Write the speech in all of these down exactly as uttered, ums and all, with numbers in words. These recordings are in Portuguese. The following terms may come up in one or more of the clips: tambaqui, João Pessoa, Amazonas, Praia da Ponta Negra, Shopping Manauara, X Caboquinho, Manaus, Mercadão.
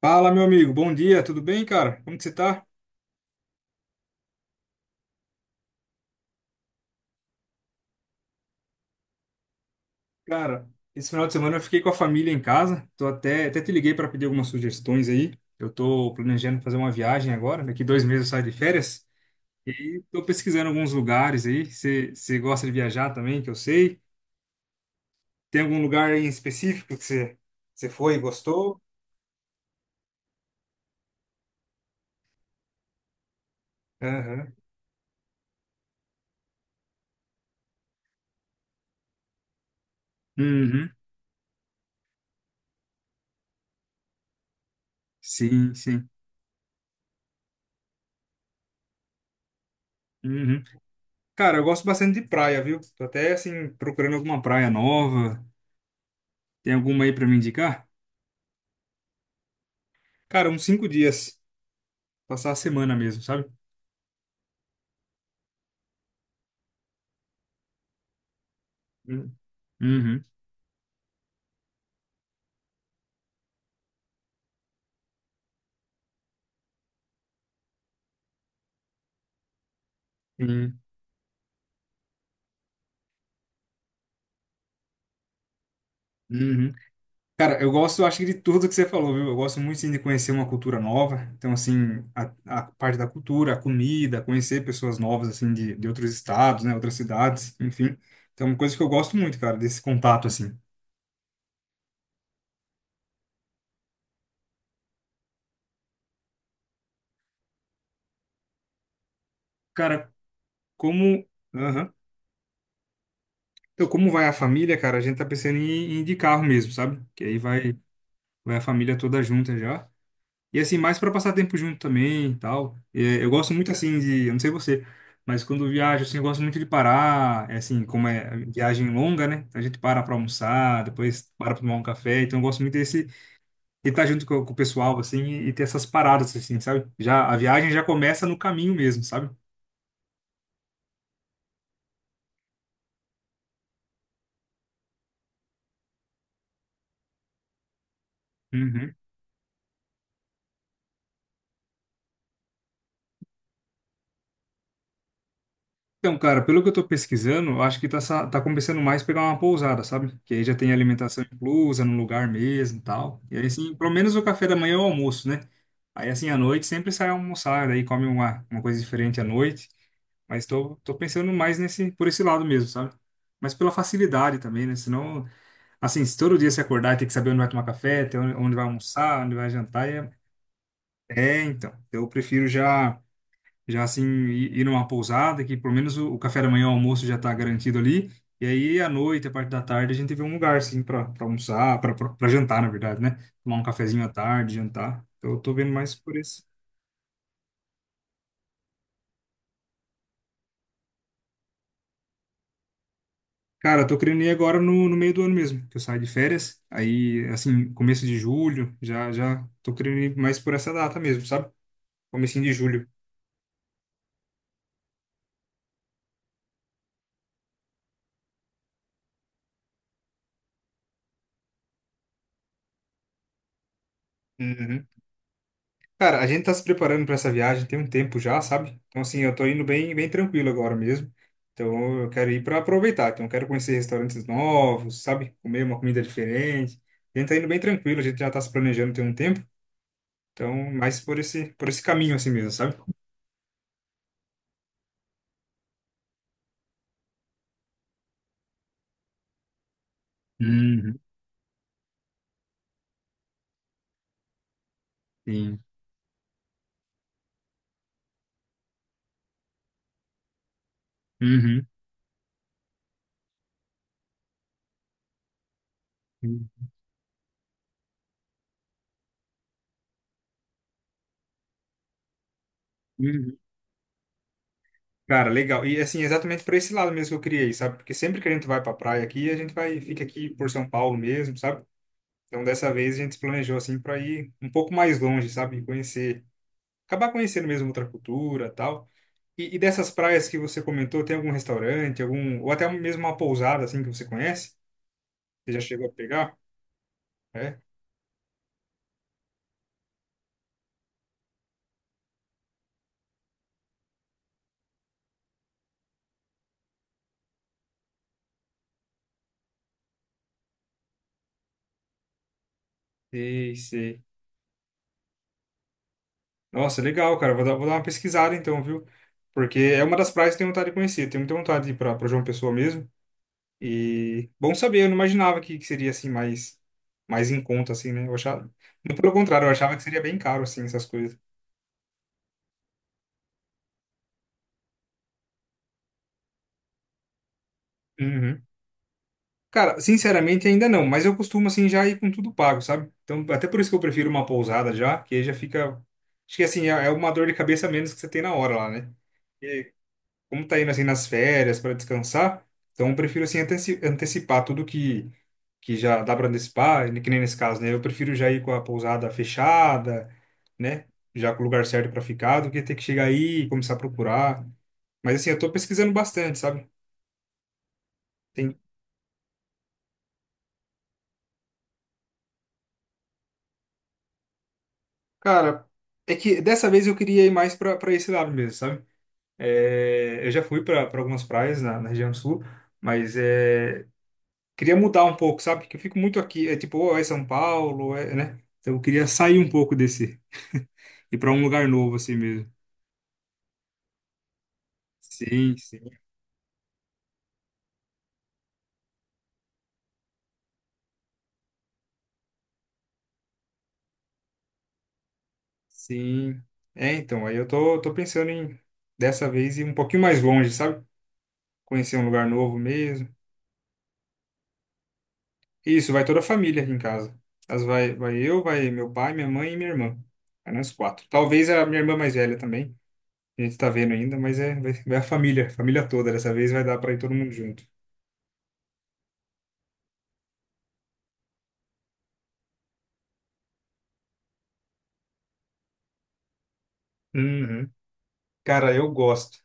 Fala, meu amigo. Bom dia, tudo bem, cara? Como que você tá? Cara, esse final de semana eu fiquei com a família em casa. Tô até, até te liguei para pedir algumas sugestões aí. Eu tô planejando fazer uma viagem agora. Daqui dois meses eu saio de férias. E tô pesquisando alguns lugares aí. Você você gosta de viajar também, que eu sei. Tem algum lugar aí em específico que você você foi e gostou? Aham. Uhum. Sim, sim. Uhum. Cara, eu gosto bastante de praia, viu? Tô até, assim, procurando alguma praia nova. Tem alguma aí para me indicar? Cara, uns cinco dias. Passar a semana mesmo, sabe? Uhum. Uhum. Uhum. Uhum. Cara, eu gosto, acho que de tudo que você falou, viu? Eu gosto muito, sim, de conhecer uma cultura nova. Então, assim, a, a parte da cultura, a comida, conhecer pessoas novas, assim, de, de outros estados, né? Outras cidades, enfim. Então, é uma coisa que eu gosto muito, cara, desse contato, assim. Cara, como... Aham. Então, como vai a família, cara? A gente tá pensando em, em ir de carro mesmo, sabe? Que aí vai, vai a família toda junta já. E assim, mais para passar tempo junto também e tal. É, eu gosto muito assim de, eu não sei você, mas quando eu viajo assim, eu gosto muito de parar, é, assim, como é viagem longa, né? A gente para para almoçar, depois para para tomar um café, então eu gosto muito desse de estar junto com, com o pessoal assim e, e ter essas paradas assim, sabe? Já a viagem já começa no caminho mesmo, sabe? Uhum. Então, cara, pelo que eu tô pesquisando, eu acho que tá, sa- tá compensando mais pegar uma pousada, sabe? Que aí já tem alimentação inclusa no lugar mesmo e tal. E aí, assim, pelo menos o café da manhã é o almoço, né? Aí, assim, à noite sempre sai almoçar, daí come uma, uma coisa diferente à noite. Mas tô, tô pensando mais nesse, por esse lado mesmo, sabe? Mas pela facilidade também, né? Senão, assim, se todo dia você acordar e tem que saber onde vai tomar café, ter onde, onde vai almoçar, onde vai jantar, é, é, então. Eu prefiro já já assim ir, ir numa pousada, que pelo menos o, o café da manhã, o almoço já tá garantido ali. E aí à noite, a parte da tarde, a gente vê um lugar assim para almoçar, para jantar, na verdade, né? Tomar um cafezinho à tarde, jantar. Então eu tô vendo mais por esse. Cara, eu tô querendo ir agora no, no meio do ano mesmo, que eu saio de férias. Aí, assim, começo de julho, já já tô querendo ir mais por essa data mesmo, sabe? Comecinho de julho. Uhum. Cara, a gente tá se preparando para essa viagem tem um tempo já, sabe? Então, assim, eu tô indo bem, bem tranquilo agora mesmo. Então, eu quero ir para aproveitar. Então, eu quero conhecer restaurantes novos, sabe? Comer uma comida diferente. A gente tá indo bem tranquilo, a gente já tá se planejando tem um tempo. Então, mais por esse, por esse caminho assim mesmo, sabe? Uhum, sim. Uhum. Uhum. Cara, legal. E assim, exatamente para esse lado mesmo que eu criei, sabe? Porque sempre que a gente vai para praia aqui, a gente vai fica aqui por São Paulo mesmo, sabe? Então dessa vez a gente se planejou assim para ir um pouco mais longe, sabe? E conhecer, acabar conhecendo mesmo outra cultura, tal. E, e dessas praias que você comentou, tem algum restaurante, algum ou até mesmo uma pousada assim que você conhece? Você já chegou a pegar? É? Sei, sei. Nossa, legal, cara. Vou dar, vou dar uma pesquisada então, viu? Porque é uma das praias que eu tenho vontade de conhecer. Tenho muita vontade de ir para João Pessoa mesmo. E bom saber, eu não imaginava que, que seria assim mais mais em conta assim, né? Eu achava, muito pelo contrário, eu achava que seria bem caro assim essas coisas. Uhum. Cara, sinceramente ainda não, mas eu costumo assim já ir com tudo pago, sabe? Então, até por isso que eu prefiro uma pousada já, que aí já fica acho que assim é é uma dor de cabeça a menos que você tem na hora lá, né? como tá indo assim nas férias para descansar, então eu prefiro assim anteci- antecipar tudo que que já dá para antecipar, e que nem nesse caso, né? Eu prefiro já ir com a pousada fechada, né? Já com o lugar certo para ficar, do que ter que chegar aí e começar a procurar. Mas assim, eu tô pesquisando bastante, sabe? Tem, cara, é que dessa vez eu queria ir mais pra para esse lado mesmo, sabe? É, eu já fui pra pra algumas praias na, na região sul, mas é queria mudar um pouco, sabe? Que eu fico muito aqui, é tipo, ou é São Paulo, ou é, né? Então eu queria sair um pouco desse, ir para um lugar novo assim mesmo. Sim, sim, sim. É, então, aí eu tô, tô pensando em dessa vez ir um pouquinho mais longe, sabe? Conhecer um lugar novo mesmo. Isso, vai toda a família aqui em casa. As vai, vai eu, vai meu pai, minha mãe e minha irmã. Vai nós quatro. Talvez a minha irmã mais velha também. A gente tá vendo ainda, mas é, vai, vai a família, família toda. Dessa vez vai dar para ir todo mundo junto. Uhum. Cara, eu gosto.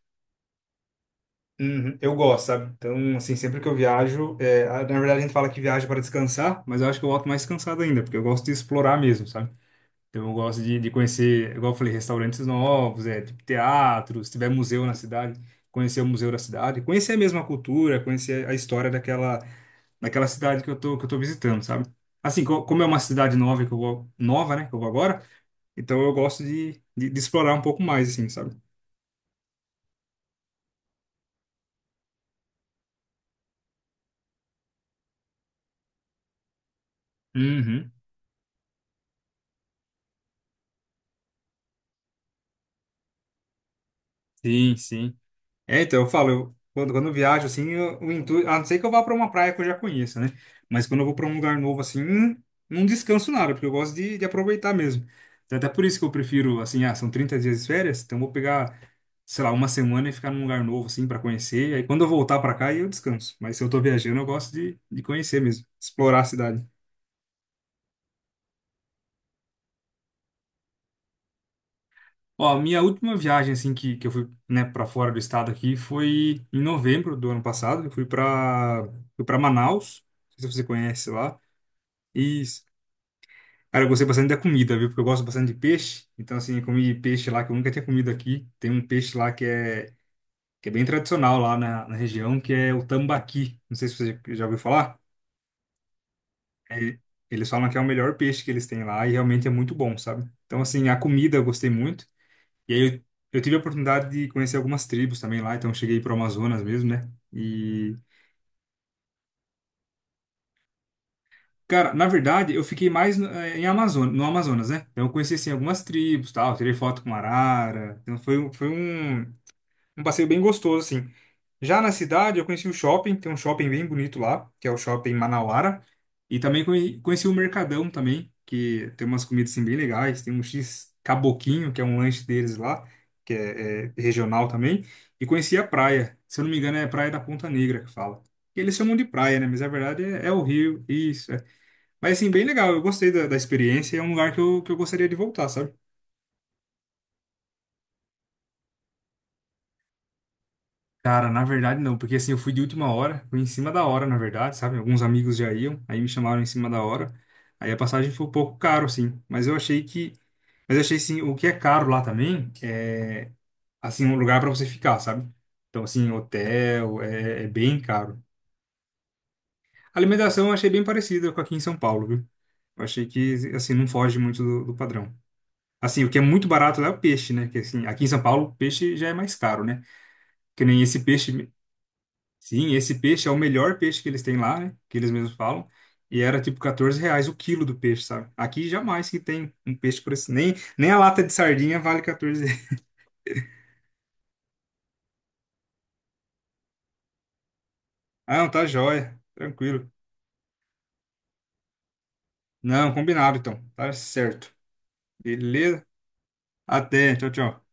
Uhum, eu gosto, sabe? Então, assim, sempre que eu viajo, é, a- na verdade a gente fala que viaja para descansar, mas eu acho que eu volto mais cansado ainda, porque eu gosto de explorar mesmo, sabe? Então eu gosto de, de conhecer, igual eu falei, restaurantes novos, é, tipo teatro, se tiver museu na cidade, conhecer o museu da cidade, conhecer mesmo a mesma cultura, conhecer a história daquela, daquela cidade que eu tô, que eu tô visitando, sabe? Assim, co- como é uma cidade nova que eu vou, nova, né, que eu vou agora, então eu gosto de, de, de explorar um pouco mais, assim, sabe? Uhum. Sim, sim. É, então, eu falo, eu- quando, quando eu viajo, assim, eu, o intuito, a não ser que eu vá para uma praia que eu já conheça, né? Mas quando eu vou para um lugar novo, assim, não descanso nada, porque eu gosto de, de aproveitar mesmo. Então, até por isso que eu prefiro, assim, ah, são trinta dias de férias, então eu vou pegar, sei lá, uma semana e ficar num lugar novo, assim, para conhecer. Aí quando eu voltar para cá, aí eu descanso. Mas se eu tô viajando, eu gosto de, de conhecer mesmo, explorar a cidade. Ó, a minha última viagem, assim, que, que eu fui, né, para fora do estado aqui foi em novembro do ano passado. Eu fui para fui para Manaus, não sei se você conhece lá. E, cara, eu gostei bastante da comida, viu? Porque eu gosto bastante de peixe. Então, assim, eu comi peixe lá que eu nunca tinha comido aqui. Tem um peixe lá que é, que é bem tradicional lá na, na região, que é o tambaqui. Não sei se você já ouviu falar. É, eles falam que é o melhor peixe que eles têm lá e realmente é muito bom, sabe? Então, assim, a comida eu gostei muito. E aí eu, eu tive a oportunidade de conhecer algumas tribos também lá, então eu cheguei pro Amazonas mesmo, né? E, cara, na verdade, eu fiquei mais no, eh, em Amazonas, no Amazonas, né? Então eu conheci, assim, algumas tribos, tal, tirei foto com arara, então foi, um- foi um... um passeio bem gostoso, assim. Já na cidade, eu conheci o shopping, tem um shopping bem bonito lá, que é o Shopping Manauara. E também conhe- conheci o Mercadão também, que tem umas comidas assim, bem legais. Tem um X Caboquinho, que é um lanche deles lá, que é, é regional também. E conheci a praia, se eu não me engano é Praia da Ponta Negra que fala. E eles chamam de praia, né? Mas na verdade é, é o rio, isso. É. Mas assim, bem legal, eu gostei da, da experiência é um lugar que eu, que eu gostaria de voltar, sabe? Cara, na verdade não, porque assim, eu fui de última hora, fui em cima da hora, na verdade, sabe? Alguns amigos já iam, aí me chamaram em cima da hora. Aí a passagem foi um pouco caro, assim, mas eu achei que, mas eu achei assim, o que é caro lá também é assim um lugar para você ficar, sabe? Então assim, hotel é, é bem caro. A alimentação eu achei bem parecida com aqui em São Paulo, viu? Eu achei que assim não foge muito do, do padrão. Assim, o que é muito barato lá é o peixe, né? Que assim, aqui em São Paulo, peixe já é mais caro, né? Que nem esse peixe. Sim, esse peixe é o melhor peixe que eles têm lá, né? Que eles mesmos falam. E era tipo quatorze reais o quilo do peixe, sabe? Aqui jamais que tem um peixe por esse. Nem, nem a lata de sardinha vale quatorze reais. Ah, não, tá jóia. Tranquilo. Não, combinado então. Tá certo. Beleza? Até. Tchau, tchau.